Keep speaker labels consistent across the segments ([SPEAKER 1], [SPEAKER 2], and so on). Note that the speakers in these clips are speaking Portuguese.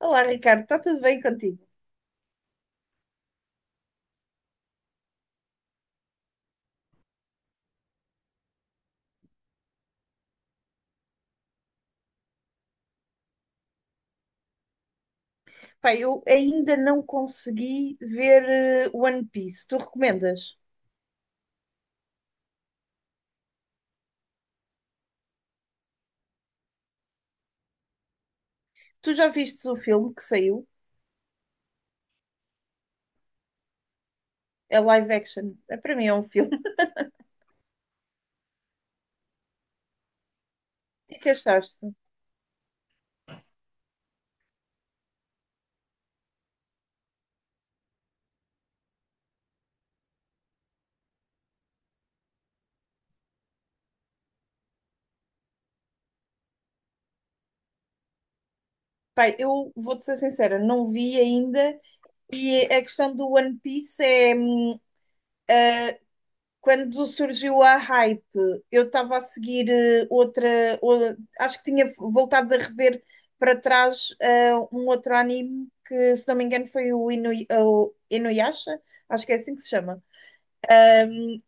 [SPEAKER 1] Olá, Ricardo, está tudo bem contigo? Pai, eu ainda não consegui ver One Piece. Tu recomendas? Tu já viste o filme que saiu? É live action. É, para mim é um filme. O que é que achaste? Pai, eu vou-te ser sincera, não vi ainda. E a questão do One Piece é, quando surgiu a hype, eu estava a seguir outra, acho que tinha voltado a rever para trás um outro anime que, se não me engano, foi o Inuyasha, acho que é assim que se chama.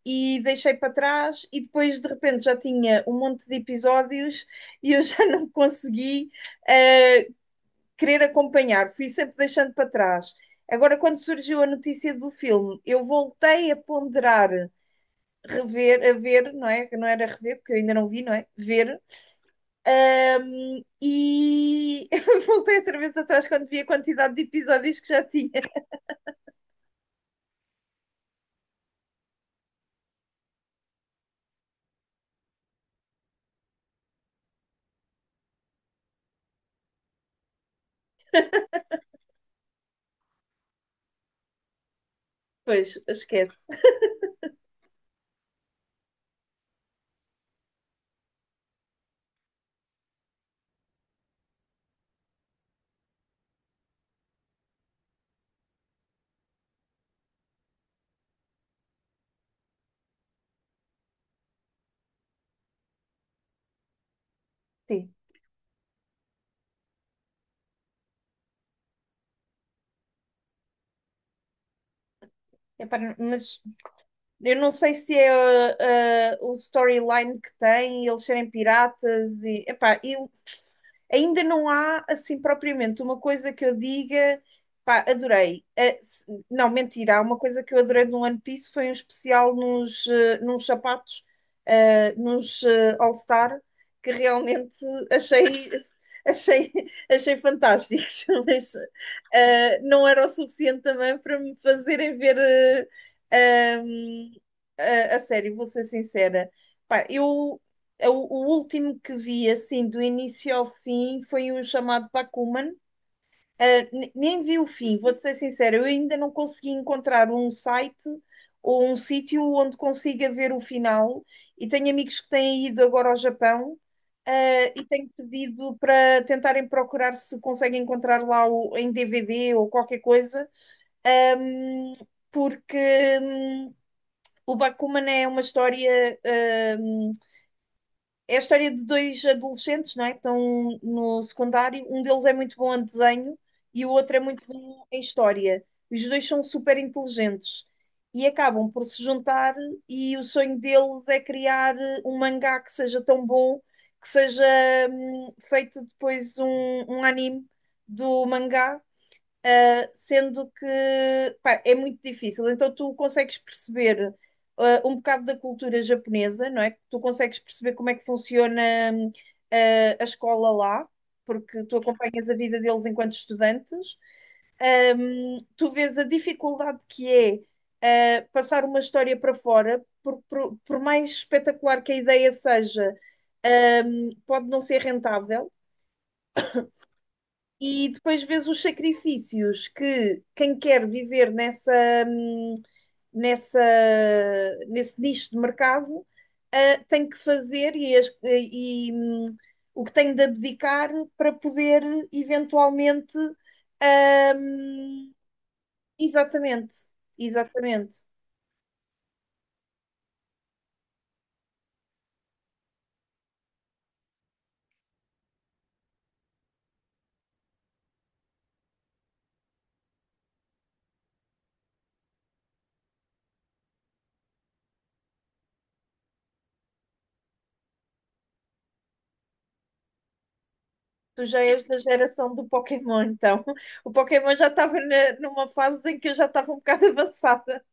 [SPEAKER 1] E deixei para trás e depois de repente já tinha um monte de episódios e eu já não consegui eh, querer acompanhar, fui sempre deixando para trás. Agora, quando surgiu a notícia do filme, eu voltei a ponderar rever, a ver, não é? Que não era rever, porque eu ainda não vi, não é? Ver. E voltei outra vez atrás quando vi a quantidade de episódios que já tinha. Pois, esquece. Sim. Epá, mas eu não sei se é o storyline que tem, eles serem piratas e epá, eu ainda não há assim propriamente uma coisa que eu diga, pá, adorei. Não, mentira, há uma coisa que eu adorei no One Piece foi um especial nos, nos sapatos, nos All Star, que realmente achei, achei, achei fantásticos, mas não era o suficiente também para me fazerem ver. eh, a sério, vou ser sincera. Pá, o último que vi, assim, do início ao fim, foi um chamado Pac-Man. Nem vi o fim, vou-te ser sincera, eu ainda não consegui encontrar um site ou um sítio onde consiga ver o final. E tenho amigos que têm ido agora ao Japão, e tenho pedido para tentarem procurar se conseguem encontrar lá em DVD ou qualquer coisa, um, porque hum, o Bakuman é uma história, hum, é a história de dois adolescentes, não é? Que estão no secundário. Um deles é muito bom em desenho e o outro é muito bom em história. Os dois são super inteligentes e acabam por se juntar. E o sonho deles é criar um mangá que seja tão bom que seja feito depois um anime do mangá. Sendo que pá, é muito difícil. Então tu consegues perceber um bocado da cultura japonesa, não é? Tu consegues perceber como é que funciona a escola lá, porque tu acompanhas a vida deles enquanto estudantes. Tu vês a dificuldade que é passar uma história para fora, por mais espetacular que a ideia seja, pode não ser rentável e depois vês os sacrifícios que quem quer viver hum, nessa, nesse nicho de mercado tem que fazer e, o que tem de abdicar para poder eventualmente. Hum, exatamente, exatamente. Tu já és da geração do Pokémon, então. O Pokémon já estava numa fase em que eu já estava um bocado avançada.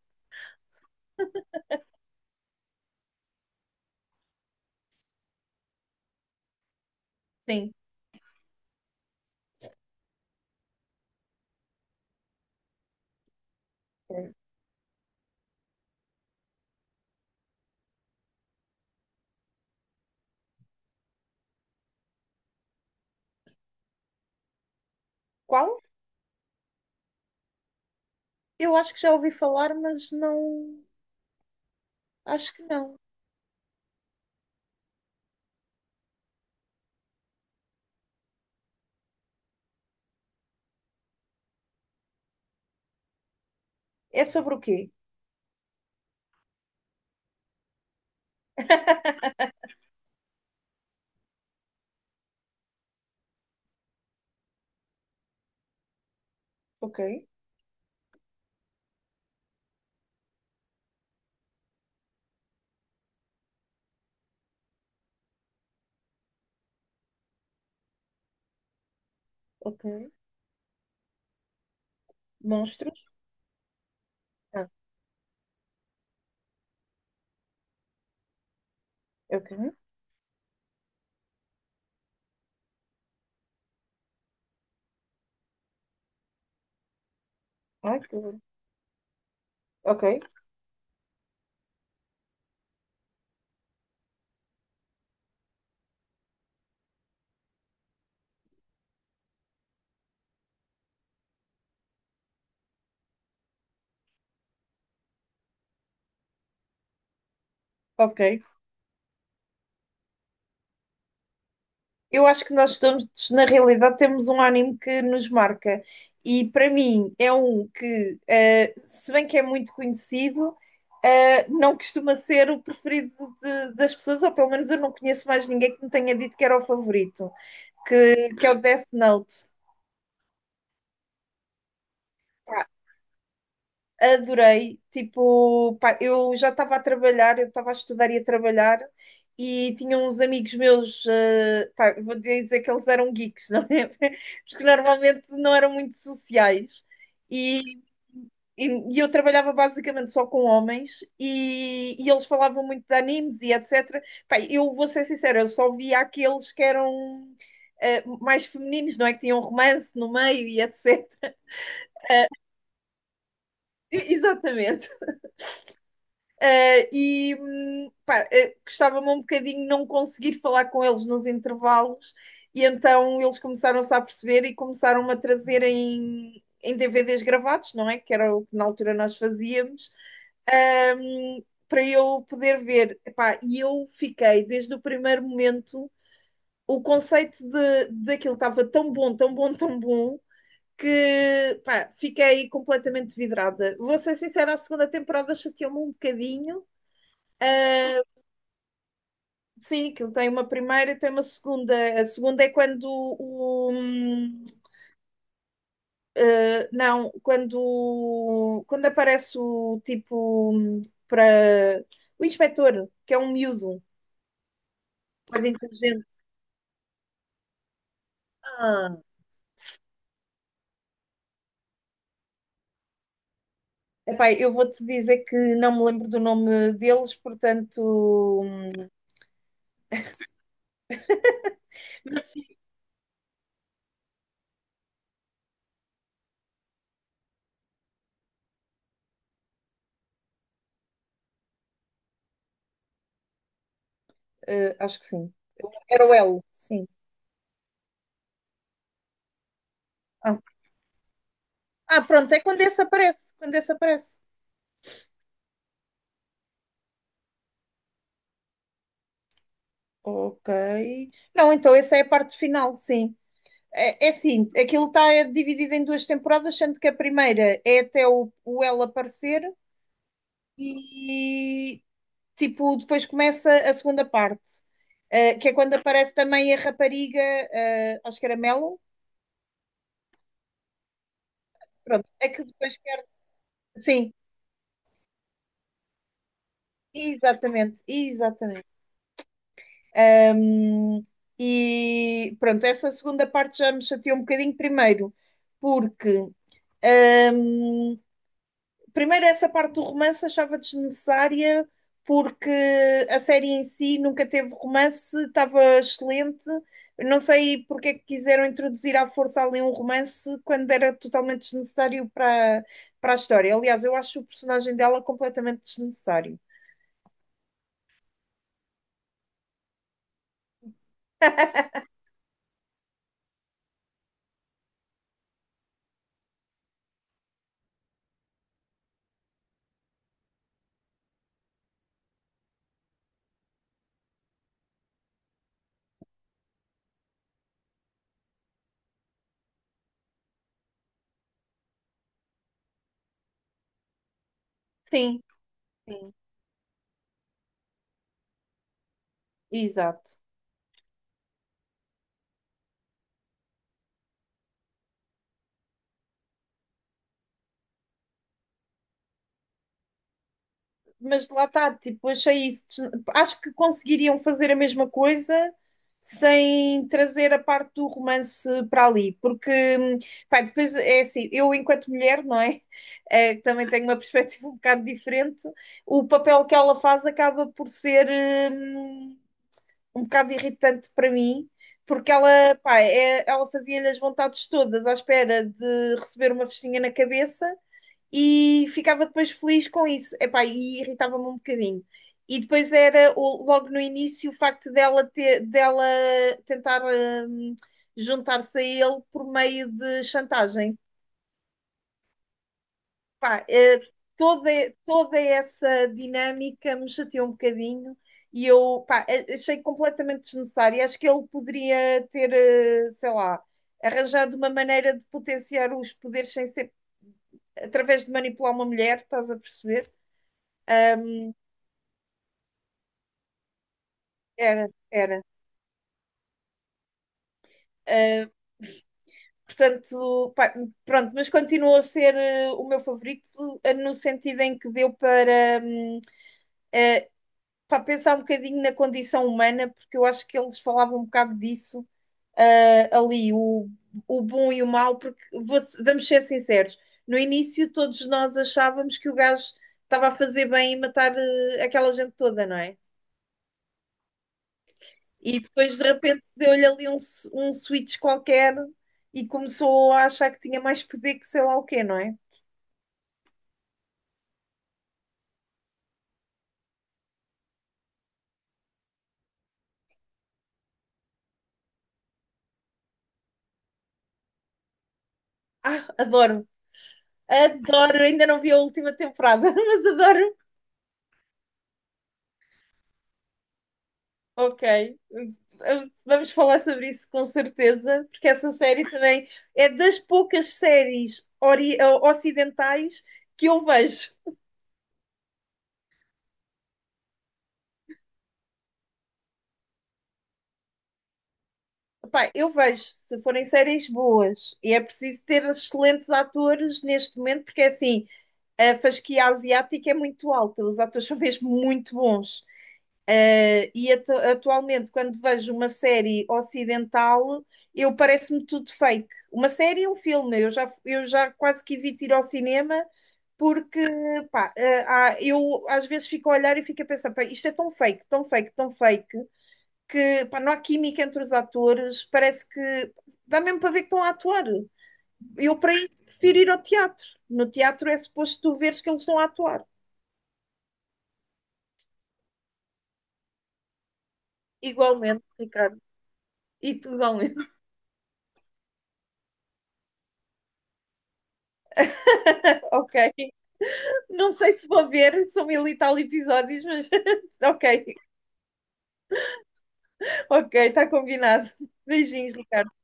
[SPEAKER 1] Sim. Qual? Eu acho que já ouvi falar, mas não. Acho que não. É sobre o quê? Ok, ok. Monstros? Ah, ok. Ai, que horror. Ok, ok. Eu acho que nós estamos, na realidade, temos um anime que nos marca. E para mim é um que, se bem que é muito conhecido, não costuma ser o preferido das pessoas, ou pelo menos eu não conheço mais ninguém que me tenha dito que era o favorito, que é o Death Note. Adorei. Tipo, pá, eu já estava a trabalhar, eu estava a estudar e a trabalhar, e tinha uns amigos meus, pá, vou dizer que eles eram geeks, não é? Porque normalmente não eram muito sociais. E, e, e eu trabalhava basicamente só com homens, e eles falavam muito de animes e etc. Pá, eu vou ser sincera, eu só via aqueles que eram mais femininos, não é? Que tinham romance no meio e etc. Exatamente. E pá, gostava-me um bocadinho não conseguir falar com eles nos intervalos, e então eles começaram-se a perceber e começaram-me a trazer em DVDs gravados, não é? Que era o que na altura nós fazíamos, um, para eu poder ver. Epá, e eu fiquei desde o primeiro momento, o conceito daquilo estava tão bom, tão bom, tão bom. Que pá, fiquei completamente vidrada. Vou ser sincera, a segunda temporada chateou-me um bocadinho, Uh, Sim, aquilo tem uma primeira e tem uma segunda. A segunda é quando o. Não, quando aparece o tipo para o inspetor, que é um miúdo, pode inteligente. Ah. Epá, eu vou-te dizer que não me lembro do nome deles, portanto, acho que sim. Era o L, sim. Ah. Ah, pronto, é quando esse aparece, quando esse aparece. Ok. Não, então essa é a parte final, sim. É assim, aquilo está dividido em duas temporadas, sendo que a primeira é até o ela aparecer e tipo, depois começa a segunda parte, que é quando aparece também a rapariga, acho que era Melon, pronto, é que depois quer. Sim, exatamente, exatamente. Ahm, e pronto, essa segunda parte já me chateou um bocadinho primeiro, porque ahm, Primeiro, essa parte do romance achava desnecessária, porque a série em si nunca teve romance, estava excelente. Eu não sei porque é que quiseram introduzir à força ali um romance quando era totalmente desnecessário para a história. Aliás, eu acho o personagem dela completamente desnecessário. Sim, sim, exato. Mas lá está, tipo, achei isso. Acho que conseguiriam fazer a mesma coisa sem trazer a parte do romance para ali, porque, hum, pá, depois é assim, eu enquanto mulher, não é? Que também tenho uma perspectiva um bocado diferente, o papel que ela faz acaba por ser hum, um bocado irritante para mim. Porque ela, pá, ela fazia-lhe as vontades todas à espera de receber uma festinha na cabeça, e ficava depois feliz com isso. Epá, e irritava-me um bocadinho. E depois era logo no início o facto dela tentar juntar-se a ele por meio de chantagem. Pá, toda, toda essa dinâmica me chateou um bocadinho e eu pá, achei completamente desnecessário. Acho que ele poderia ter, sei lá, arranjado uma maneira de potenciar os poderes sem ser através de manipular uma mulher, estás a perceber? Ahm, era, era. Ah, portanto, pá, pronto, mas continuou a ser o meu favorito, no sentido em que deu para pensar um bocadinho na condição humana, porque eu acho que eles falavam um bocado disso, ali, o bom e o mau, porque vamos ser sinceros, no início todos nós achávamos que o gajo estava a fazer bem e matar, aquela gente toda, não é? E depois de repente deu-lhe ali um switch qualquer e começou a achar que tinha mais poder que sei lá o quê, não é? Ah, adoro, adoro, ainda não vi a última temporada, mas adoro. Ok, vamos falar sobre isso com certeza, porque essa série também é das poucas séries ocidentais que eu vejo. Pá, eu vejo se forem séries boas, e é preciso ter excelentes atores neste momento, porque é assim, a fasquia asiática é muito alta, os atores são mesmo muito bons. E atualmente, quando vejo uma série ocidental, eu parece-me tudo fake. Uma série e um filme, eu já, quase que evito ir ao cinema porque pá, eu às vezes fico a olhar e fico a pensar, pá, isto é tão fake, tão fake, tão fake, que pá, não há química entre os atores, parece que dá mesmo para ver que estão a atuar. Eu, para isso, prefiro ir ao teatro. No teatro é suposto tu veres que eles estão a atuar. Igualmente, Ricardo. E tu igualmente. Ok. Não sei se vou ver, são mil e tal episódios, mas ok. Ok, está combinado. Beijinhos, Ricardo.